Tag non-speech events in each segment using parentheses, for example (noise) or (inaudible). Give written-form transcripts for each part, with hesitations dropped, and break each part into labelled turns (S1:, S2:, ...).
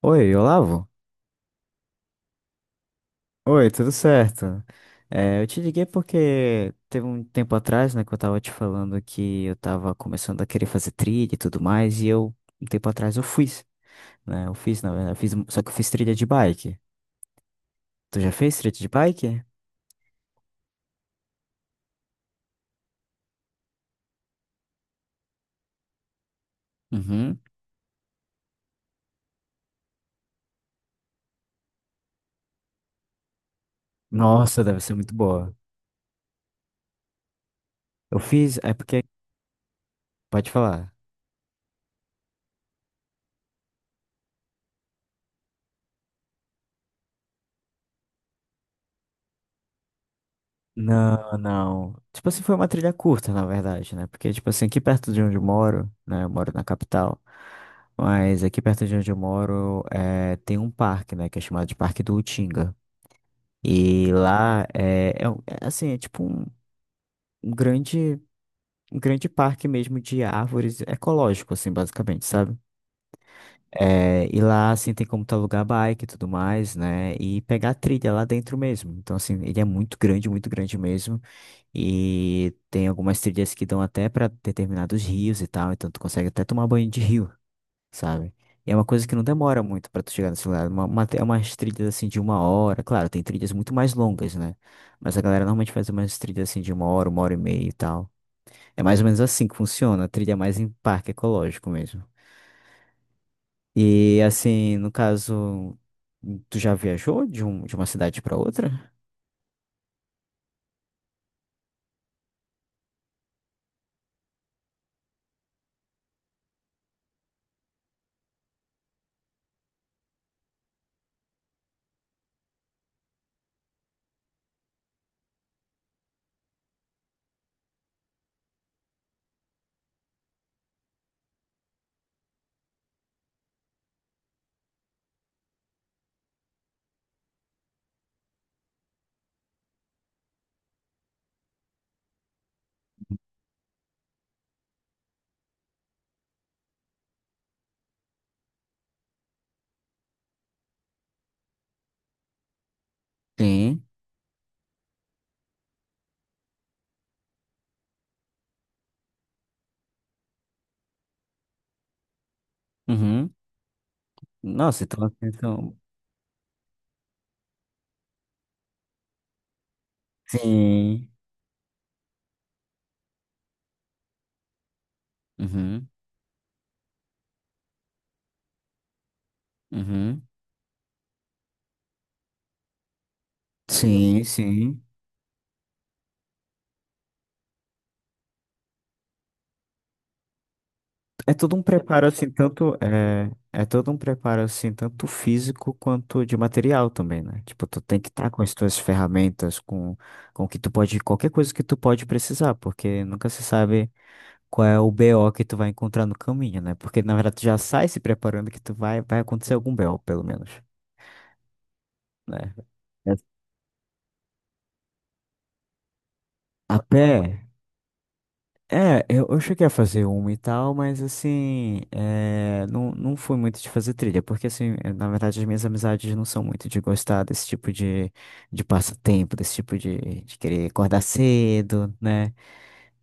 S1: Oi, Olavo? Oi, tudo certo? Eu te liguei porque teve um tempo atrás, né, que eu tava te falando que eu tava começando a querer fazer trilha e tudo mais, um tempo atrás, eu fiz, só que eu fiz trilha de bike. Tu já fez trilha de bike? Uhum. Nossa, deve ser muito boa. Eu fiz, é porque, pode falar. Não, não. Tipo assim, foi uma trilha curta, na verdade, né? Porque, tipo assim, aqui perto de onde eu moro, né? Eu moro na capital, mas aqui perto de onde eu moro tem um parque, né? Que é chamado de Parque do Utinga. E lá assim, um grande, um grande parque mesmo de árvores ecológico, assim, basicamente, sabe? É, e lá, assim, tem como tu alugar bike e tudo mais, né? E pegar a trilha lá dentro mesmo. Então, assim, ele é muito grande mesmo. E tem algumas trilhas que dão até pra determinados rios e tal, então tu consegue até tomar banho de rio, sabe? E é uma coisa que não demora muito pra tu chegar nesse lugar. É umas trilhas assim de uma hora. Claro, tem trilhas muito mais longas, né? Mas a galera normalmente faz umas trilhas assim de uma hora e meia e tal. É mais ou menos assim que funciona, a trilha é mais em parque ecológico mesmo. E assim, no caso, tu já viajou de uma cidade pra outra? Sim. Uhum. Nossa, então, então... Sim. Uhum. Uhum. Sim, sim. É todo um preparo assim, é todo um preparo assim, tanto físico quanto de material também, né? Tipo, tu tem que estar com as tuas ferramentas, com o que tu pode, qualquer coisa que tu pode precisar, porque nunca se sabe qual é o BO que tu vai encontrar no caminho, né? Porque na verdade tu já sai se preparando que tu vai acontecer algum BO, pelo menos, né? É, a pé. Eu cheguei a fazer uma e tal, mas assim, é, não, não fui muito de fazer trilha, porque assim, na verdade as minhas amizades não são muito de gostar desse tipo de passatempo, desse tipo de querer acordar cedo, né,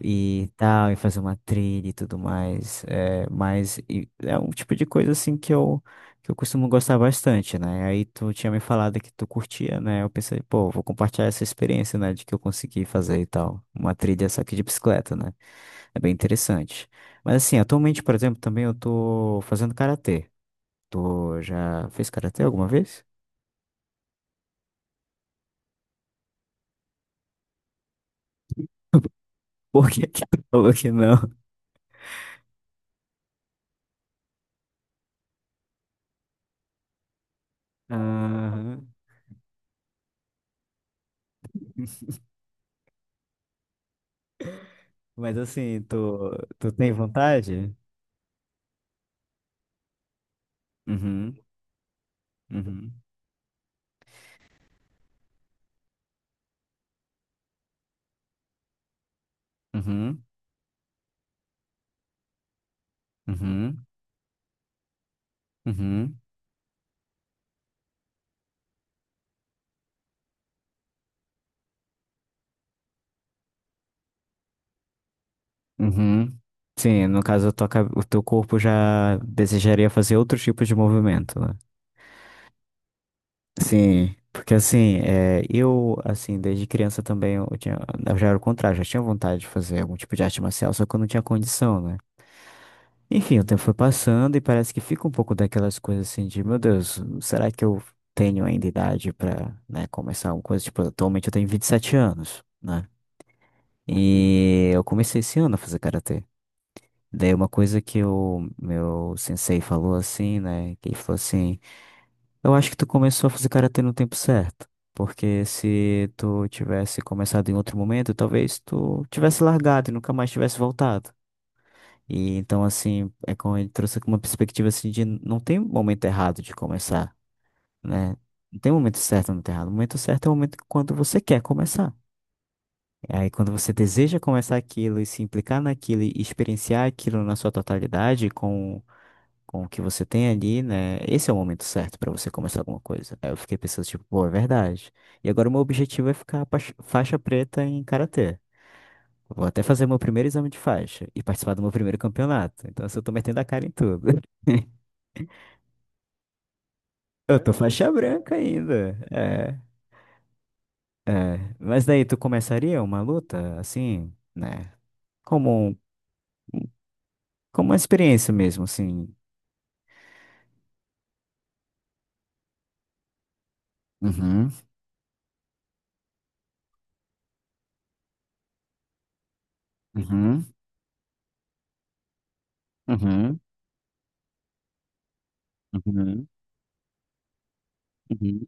S1: e tal, e fazer uma trilha e tudo mais, é um tipo de coisa assim que eu costumo gostar bastante, né, aí tu tinha me falado que tu curtia, né, eu pensei, pô, vou compartilhar essa experiência, né, de que eu consegui fazer e tal, uma trilha só que de bicicleta, né. É bem interessante. Mas assim, atualmente, por exemplo, também eu tô fazendo karatê. Tu já fez karatê alguma vez? (laughs) Por que que tu falou que não? Aham. Mas assim, tu tem vontade? Uhum, uhum, uhum, uhum, uhum, uhum. Sim, no caso, o teu corpo já desejaria fazer outro tipo de movimento, né? Sim, porque assim, assim, desde criança eu já era o contrário, já tinha vontade de fazer algum tipo de arte marcial, só que eu não tinha condição, né? Enfim, o tempo foi passando e parece que fica um pouco daquelas coisas assim de, meu Deus, será que eu tenho ainda idade pra, né, começar alguma coisa? Tipo, atualmente eu tenho 27 anos, né? E eu comecei esse ano a fazer karatê. Daí uma coisa que o meu sensei falou assim, né, que ele falou assim, eu acho que tu começou a fazer karatê no tempo certo. Porque se tu tivesse começado em outro momento, talvez tu tivesse largado e nunca mais tivesse voltado. E então, assim, é como ele trouxe uma perspectiva assim de não tem momento errado de começar, né? Não tem momento certo, não tem errado. O momento certo é o momento quando você quer começar. Aí quando você deseja começar aquilo e se implicar naquilo e experienciar aquilo na sua totalidade, com o que você tem ali, né? Esse é o momento certo pra você começar alguma coisa. Aí eu fiquei pensando, tipo, pô, é verdade. E agora o meu objetivo é ficar faixa preta em karatê. Vou até fazer meu primeiro exame de faixa e participar do meu primeiro campeonato. Então, assim, eu tô metendo a cara em tudo. (laughs) Eu tô faixa branca ainda. É, é. Mas daí tu começaria uma luta, assim, né? Como, um- como uma experiência mesmo, assim. Uhum, uhum, uhum, uhum, uhum,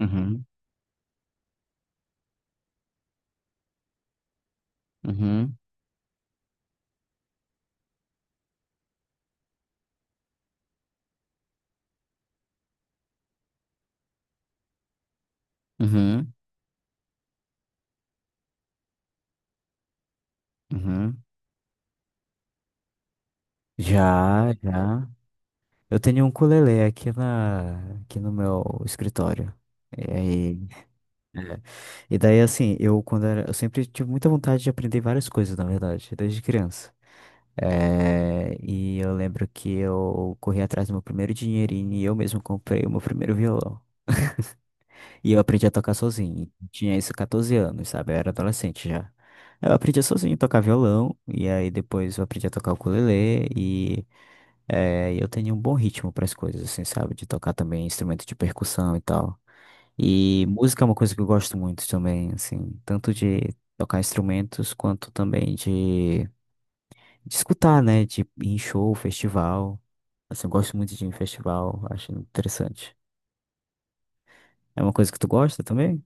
S1: uhum, uhum, uhum. Uhum. Uhum. Já, já. Eu tenho um ukulele aqui no meu escritório. E aí, e daí assim, eu quando era, eu sempre tive muita vontade de aprender várias coisas, na verdade, desde criança. E eu lembro que eu corri atrás do meu primeiro dinheirinho e eu mesmo comprei o meu primeiro violão. E eu aprendi a tocar sozinho. Tinha isso 14 anos, sabe? Eu era adolescente já. Eu aprendi sozinho a tocar violão, e aí depois eu aprendi a tocar ukulele, e eu tenho um bom ritmo para as coisas, assim, sabe? De tocar também instrumento de percussão e tal. E música é uma coisa que eu gosto muito também, assim, tanto de tocar instrumentos quanto também de escutar, né? De ir em show, festival. Assim, eu gosto muito de ir em festival, acho interessante. É uma coisa que tu gosta também?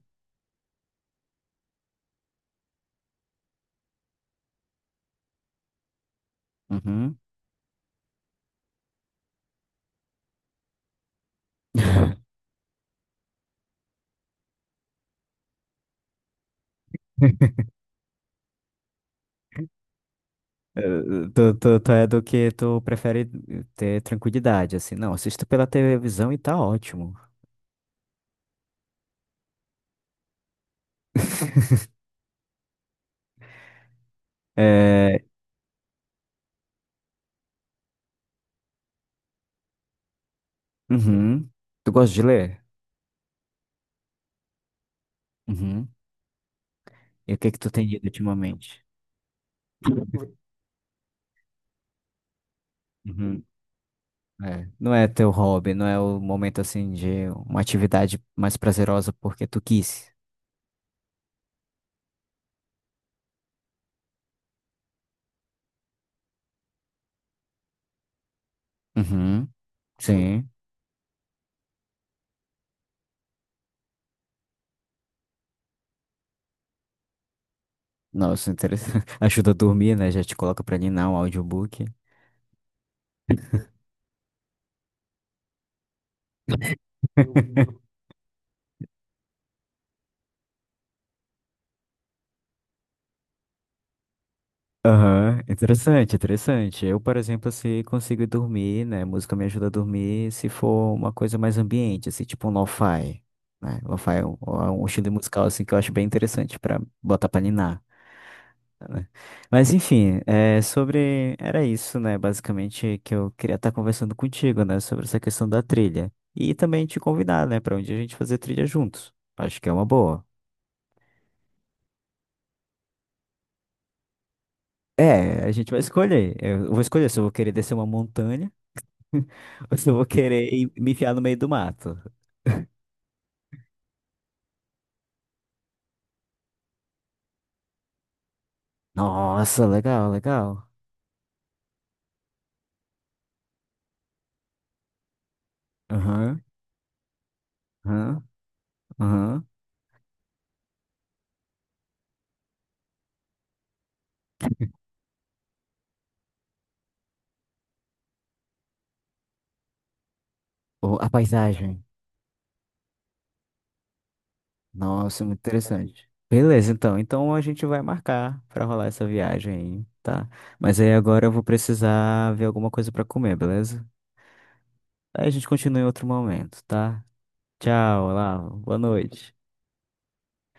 S1: Uhum. (laughs) (laughs) Tu é do que tu prefere ter tranquilidade, assim. Não, assisto pela televisão e tá ótimo. (laughs) É, uhum. Tu gosta de ler? Uhum. E o que que tu tem lido ultimamente? Uhum. É. Não é teu hobby, não é o momento, assim, de uma atividade mais prazerosa porque tu quis. Uhum. Sim. Nossa, interessante. (laughs) Ajuda a dormir, né? Já te coloca pra ninar um audiobook. (laughs) Aham, interessante, interessante. Eu, por exemplo, se consigo dormir, né? Música me ajuda a dormir se for uma coisa mais ambiente, assim, tipo um lo-fi, né? Lo-fi é um estilo musical, assim, que eu acho bem interessante pra botar pra ninar, né? Mas, enfim, é, sobre... Era isso, né? Basicamente, que eu queria estar conversando contigo, né? Sobre essa questão da trilha. E também te convidar, né? Pra um dia a gente fazer trilha juntos. Acho que é uma boa. É, a gente vai escolher. Eu vou escolher se eu vou querer descer uma montanha. (laughs) Ou se vou querer me enfiar no meio do mato. Nossa, legal, legal. Aham, aham, aham. O A paisagem. Nossa, muito interessante. Beleza, então. Então a gente vai marcar pra rolar essa viagem aí, tá? Mas aí agora eu vou precisar ver alguma coisa pra comer, beleza? Aí a gente continua em outro momento, tá? Tchau, lá. Boa noite.